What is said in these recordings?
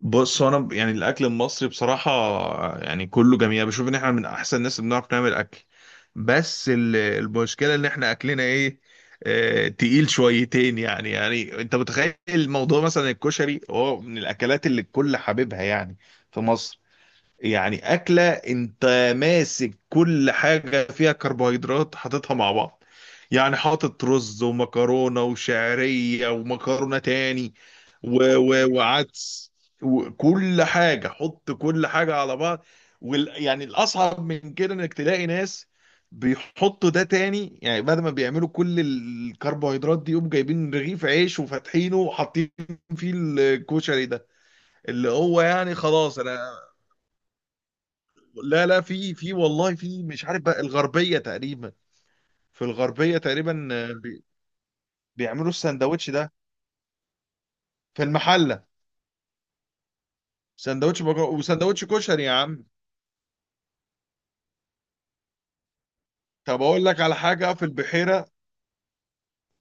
بص هو انا يعني الاكل المصري بصراحه، يعني كله جميل. أنا بشوف ان احنا من احسن الناس اللي بنعرف نعمل اكل. بس المشكله ان احنا اكلنا ايه، تقيل شويتين، يعني انت متخيل الموضوع، مثلا الكشري هو من الاكلات اللي الكل حاببها، يعني في مصر. يعني أكلة أنت ماسك كل حاجة فيها كربوهيدرات حاططها مع بعض، يعني حاطط رز ومكرونة وشعرية ومكرونة تاني و و وعدس، وكل حاجة، حط كل حاجة على بعض. يعني الأصعب من كده إنك تلاقي ناس بيحطوا ده تاني، يعني بعد ما بيعملوا كل الكربوهيدرات دي يقوم جايبين رغيف عيش وفاتحينه وحاطين فيه الكشري ده، اللي هو يعني خلاص انا. لا، لا، في والله، في مش عارف بقى الغربية تقريبا. في الغربية تقريبا، بيعملوا السندوتش ده في المحلة. وسندوتش كشري يا عم. طب أقول لك على حاجة في البحيرة.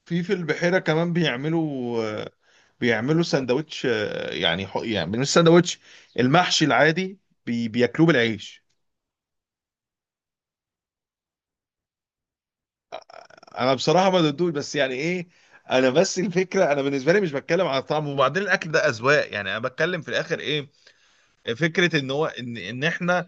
في البحيرة كمان بيعملوا، بيعملوا سندوتش، يعني يعني مش سندوتش، المحشي العادي، بياكلوه بالعيش. أنا بصراحة ما ضدوش، بس يعني إيه، أنا بس الفكرة، أنا بالنسبة لي مش بتكلم على الطعم، وبعدين الأكل ده أذواق، يعني أنا بتكلم في الآخر إيه، فكرة ان هو، ان احنا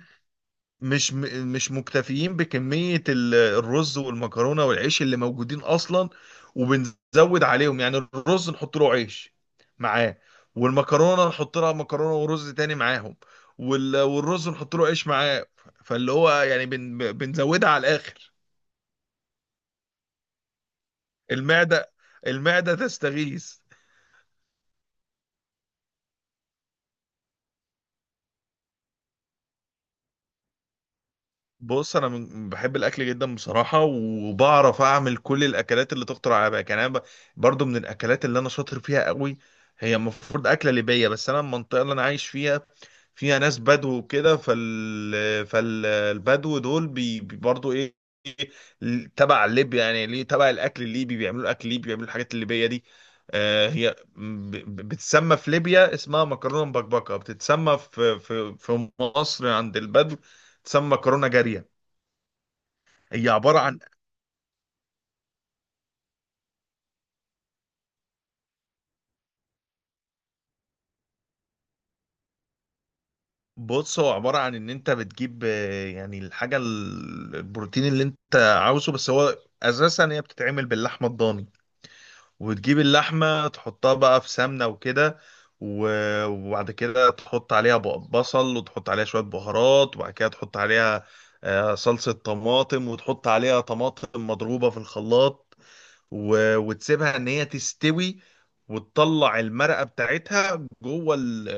مش مكتفيين بكمية الرز والمكرونة والعيش اللي موجودين اصلا، وبنزود عليهم، يعني الرز نحط له عيش معاه، والمكرونة نحط لها مكرونة ورز تاني معاهم، والرز نحط له عيش معاه، فاللي هو يعني بنزودها على الاخر. المعدة، المعدة تستغيث. بص انا بحب الاكل جدا بصراحه، وبعرف اعمل كل الاكلات اللي تخطر على بالك، يعني انا برضو من الاكلات اللي انا شاطر فيها قوي. هي المفروض اكله ليبيه، بس انا المنطقه اللي انا عايش فيها فيها ناس بدو وكده، فالبدو دول برضو ايه، تبع ليبيا، يعني ليه تبع الاكل الليبي بيعملوا اكل ليبي، بيعملوا الحاجات الليبيه دي. هي بتسمى في ليبيا اسمها مكرونه مبكبكه، بتتسمى في مصر عند البدو تسمى مكرونه جاريه. هي عبارة عن بص هو عبارة عن ان انت بتجيب، يعني الحاجة البروتين اللي انت عاوزه، بس هو اساسا هي بتتعمل باللحمة الضاني، وتجيب اللحمة تحطها بقى في سمنة وكده، وبعد كده تحط عليها بصل، وتحط عليها شوية بهارات، وبعد كده تحط عليها صلصة طماطم، وتحط عليها طماطم مضروبة في الخلاط، وتسيبها ان هي تستوي، وتطلع المرقه بتاعتها جوه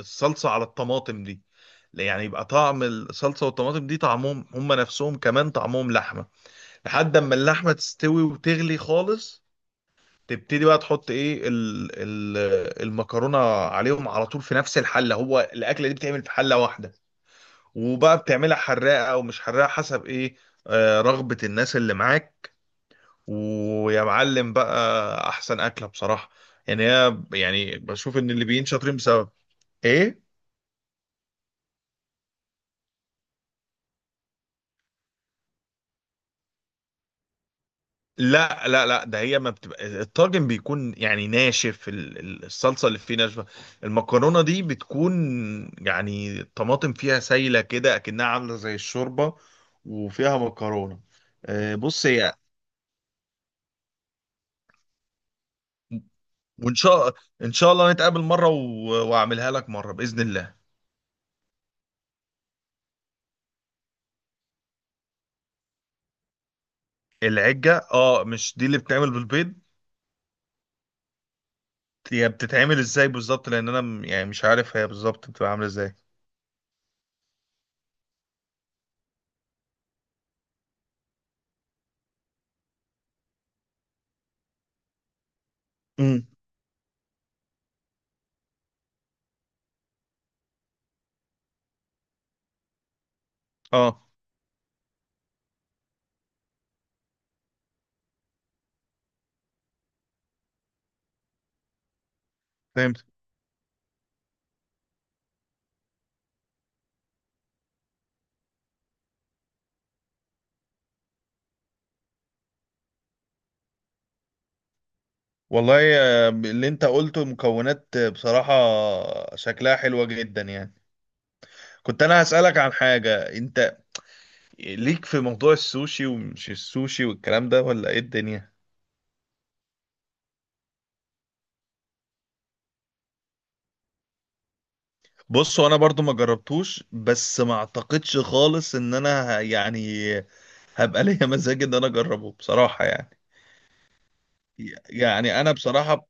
الصلصه على الطماطم دي، يعني يبقى طعم الصلصه والطماطم دي طعمهم هم نفسهم، كمان طعمهم لحمه. لحد اما اللحمه تستوي وتغلي خالص، تبتدي بقى تحط ايه المكرونه عليهم على طول في نفس الحله، هو الاكله دي بتعمل في حله واحده. وبقى بتعملها حراقه او مش حراقه، حسب ايه، رغبه الناس اللي معاك، ويا معلم بقى احسن اكله بصراحه. يعني هي، يعني بشوف ان الليبيين شاطرين، بسبب ايه. لا، لا، لا، ده هي ما بتبقى، الطاجن بيكون يعني ناشف، الصلصه اللي فيه ناشفه. المكرونه دي بتكون، يعني الطماطم فيها سايله كده اكنها عامله زي الشوربه، وفيها مكرونه. بص هي، وان شاء ان شاء الله نتقابل مره واعملها لك مره باذن الله. العجه، اه، مش دي اللي بتتعمل بالبيض؟ هي بتتعمل ازاي بالظبط؟ لان انا يعني مش عارف هي بالظبط بتبقى عامله ازاي. امم. اه، فهمت. والله، اللي انت قلته مكونات، بصراحة شكلها حلوة جدا يعني. كنت انا هسألك عن حاجة، انت ليك في موضوع السوشي ومش السوشي والكلام ده ولا ايه الدنيا؟ بص هو انا برضو ما جربتوش، بس ما اعتقدش خالص ان انا يعني هبقى ليا مزاج ان انا اجربه بصراحة يعني. يعني انا بصراحة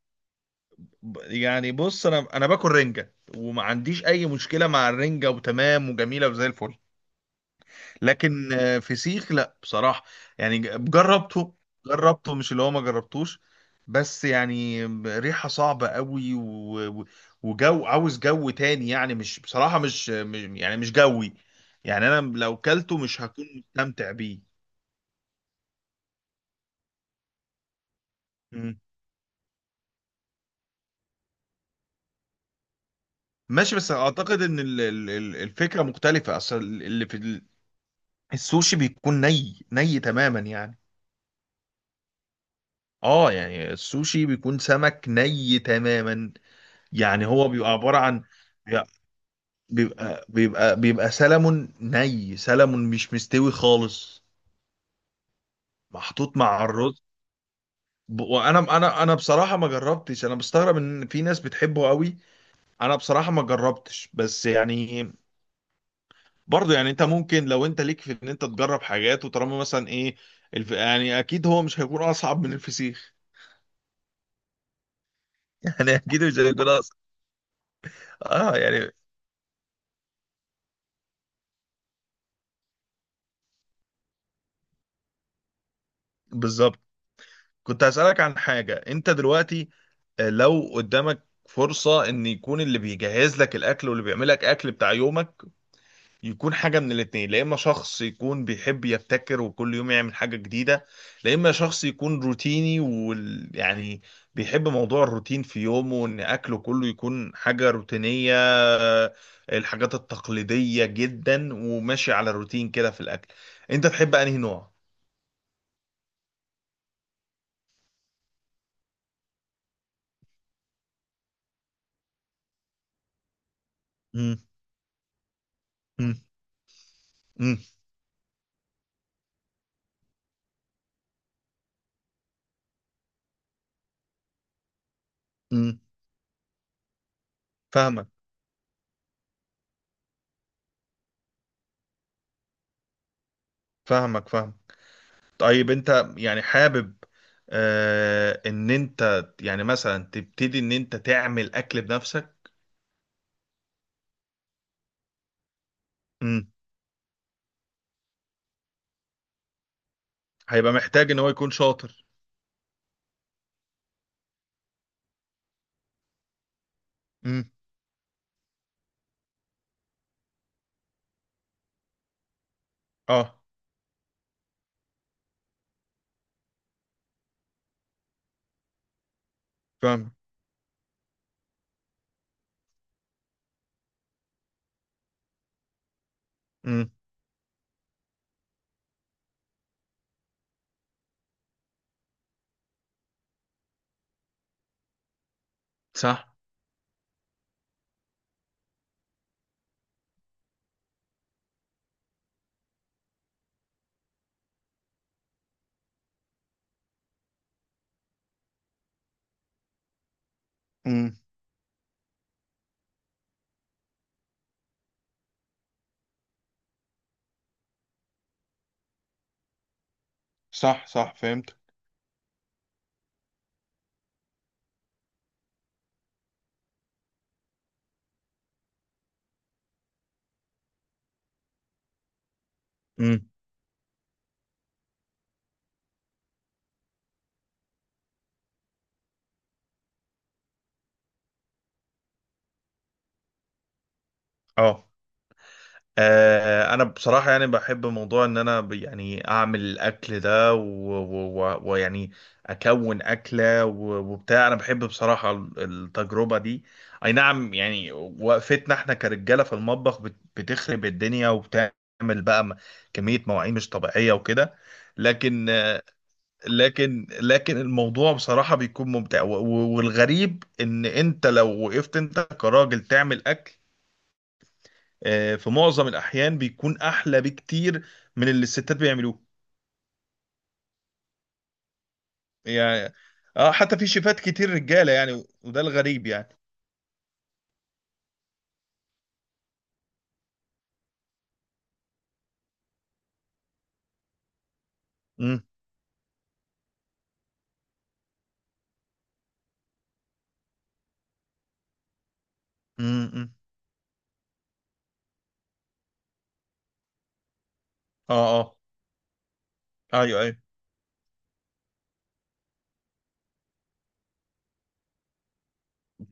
يعني بص، انا باكل رنجه، وما عنديش اي مشكله مع الرنجه، وتمام وجميله وزي الفل. لكن فسيخ لا بصراحه، يعني جربته، جربته، مش اللي هو ما جربتوش، بس يعني ريحه صعبه قوي، وجو، عاوز جو تاني، يعني مش بصراحه، يعني مش جوي، يعني انا لو كلته مش هكون مستمتع بيه. مم. ماشي، بس اعتقد ان الفكره مختلفه، اصل اللي في السوشي بيكون ني تماما يعني. اه، يعني السوشي بيكون سمك ني تماما. يعني هو بيبقى عبارة عن، بيبقى بيبقى سلمون ني، سلمون مش مستوي خالص، محطوط مع الرز. وانا انا انا بصراحة ما جربتش، انا بستغرب ان في ناس بتحبه قوي. انا بصراحة ما جربتش، بس يعني برضه، يعني انت ممكن لو انت ليك في ان انت تجرب حاجات، وطالما مثلا ايه، يعني اكيد هو مش هيكون اصعب من الفسيخ. يعني اكيد مش هيكون اصعب. اه، يعني بالظبط. كنت هسألك عن حاجة انت دلوقتي، لو قدامك فرصة ان يكون اللي بيجهز لك الاكل واللي بيعمل لك اكل بتاع يومك، يكون حاجة من الاتنين، لا اما شخص يكون بيحب يبتكر وكل يوم يعمل حاجة جديدة، لا اما شخص يكون روتيني ويعني، يعني بيحب موضوع الروتين في يومه وان اكله كله يكون حاجة روتينية، الحاجات التقليدية جدا، وماشي على الروتين كده في الاكل، انت تحب انهي نوع؟ مم. مم. امم. امم. فاهمك، فاهمك فاهم. طيب، انت يعني حابب، ان انت يعني مثلا تبتدي ان انت تعمل اكل بنفسك؟ امم. هيبقى محتاج ان هو يكون شاطر. امم. اه، فاهم. امم. صح. امم. صح، صح، فهمت. امم. اه. انا بصراحه يعني بحب موضوع ان انا يعني اعمل الاكل ده ويعني اكون اكله وبتاع، انا بحب بصراحه التجربه دي. اي نعم، يعني وقفتنا احنا كرجاله في المطبخ بتخرب الدنيا وبتعمل بقى كميه مواعين مش طبيعيه وكده. لكن آه، لكن لكن الموضوع بصراحه بيكون ممتع، والغريب ان انت لو وقفت انت كراجل تعمل اكل، في معظم الأحيان بيكون أحلى بكتير من اللي الستات بيعملوه. يعني، اه، حتى في شيفات كتير رجالة يعني، وده الغريب يعني. امم. امم. اه. اه. ايوه، ايوه.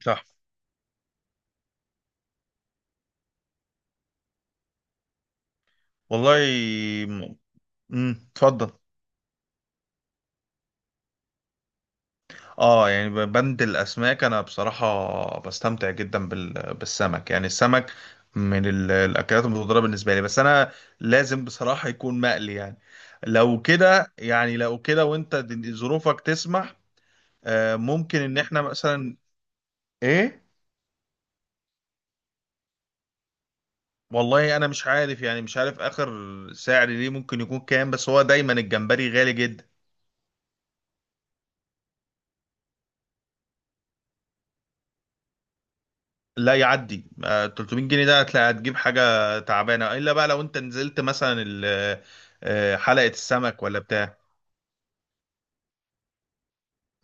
صح. والله. امم. اتفضل. اه، يعني بند الاسماك انا بصراحه بستمتع جدا بالسمك، يعني السمك من الاكلات المفضله بالنسبه لي، بس انا لازم بصراحه يكون مقلي يعني، لو كده وانت ظروفك تسمح، ممكن ان احنا مثلا ايه. والله انا مش عارف اخر سعر ليه ممكن يكون كام، بس هو دايما الجمبري غالي جدا. لا، يعدي 300 جنيه، ده هتلاقي هتجيب حاجة تعبانة، الا بقى لو انت نزلت مثلا حلقة السمك ولا بتاع.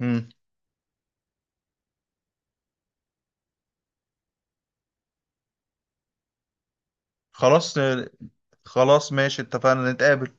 مم. خلاص آه، خلاص ماشي، اتفقنا نتقابل.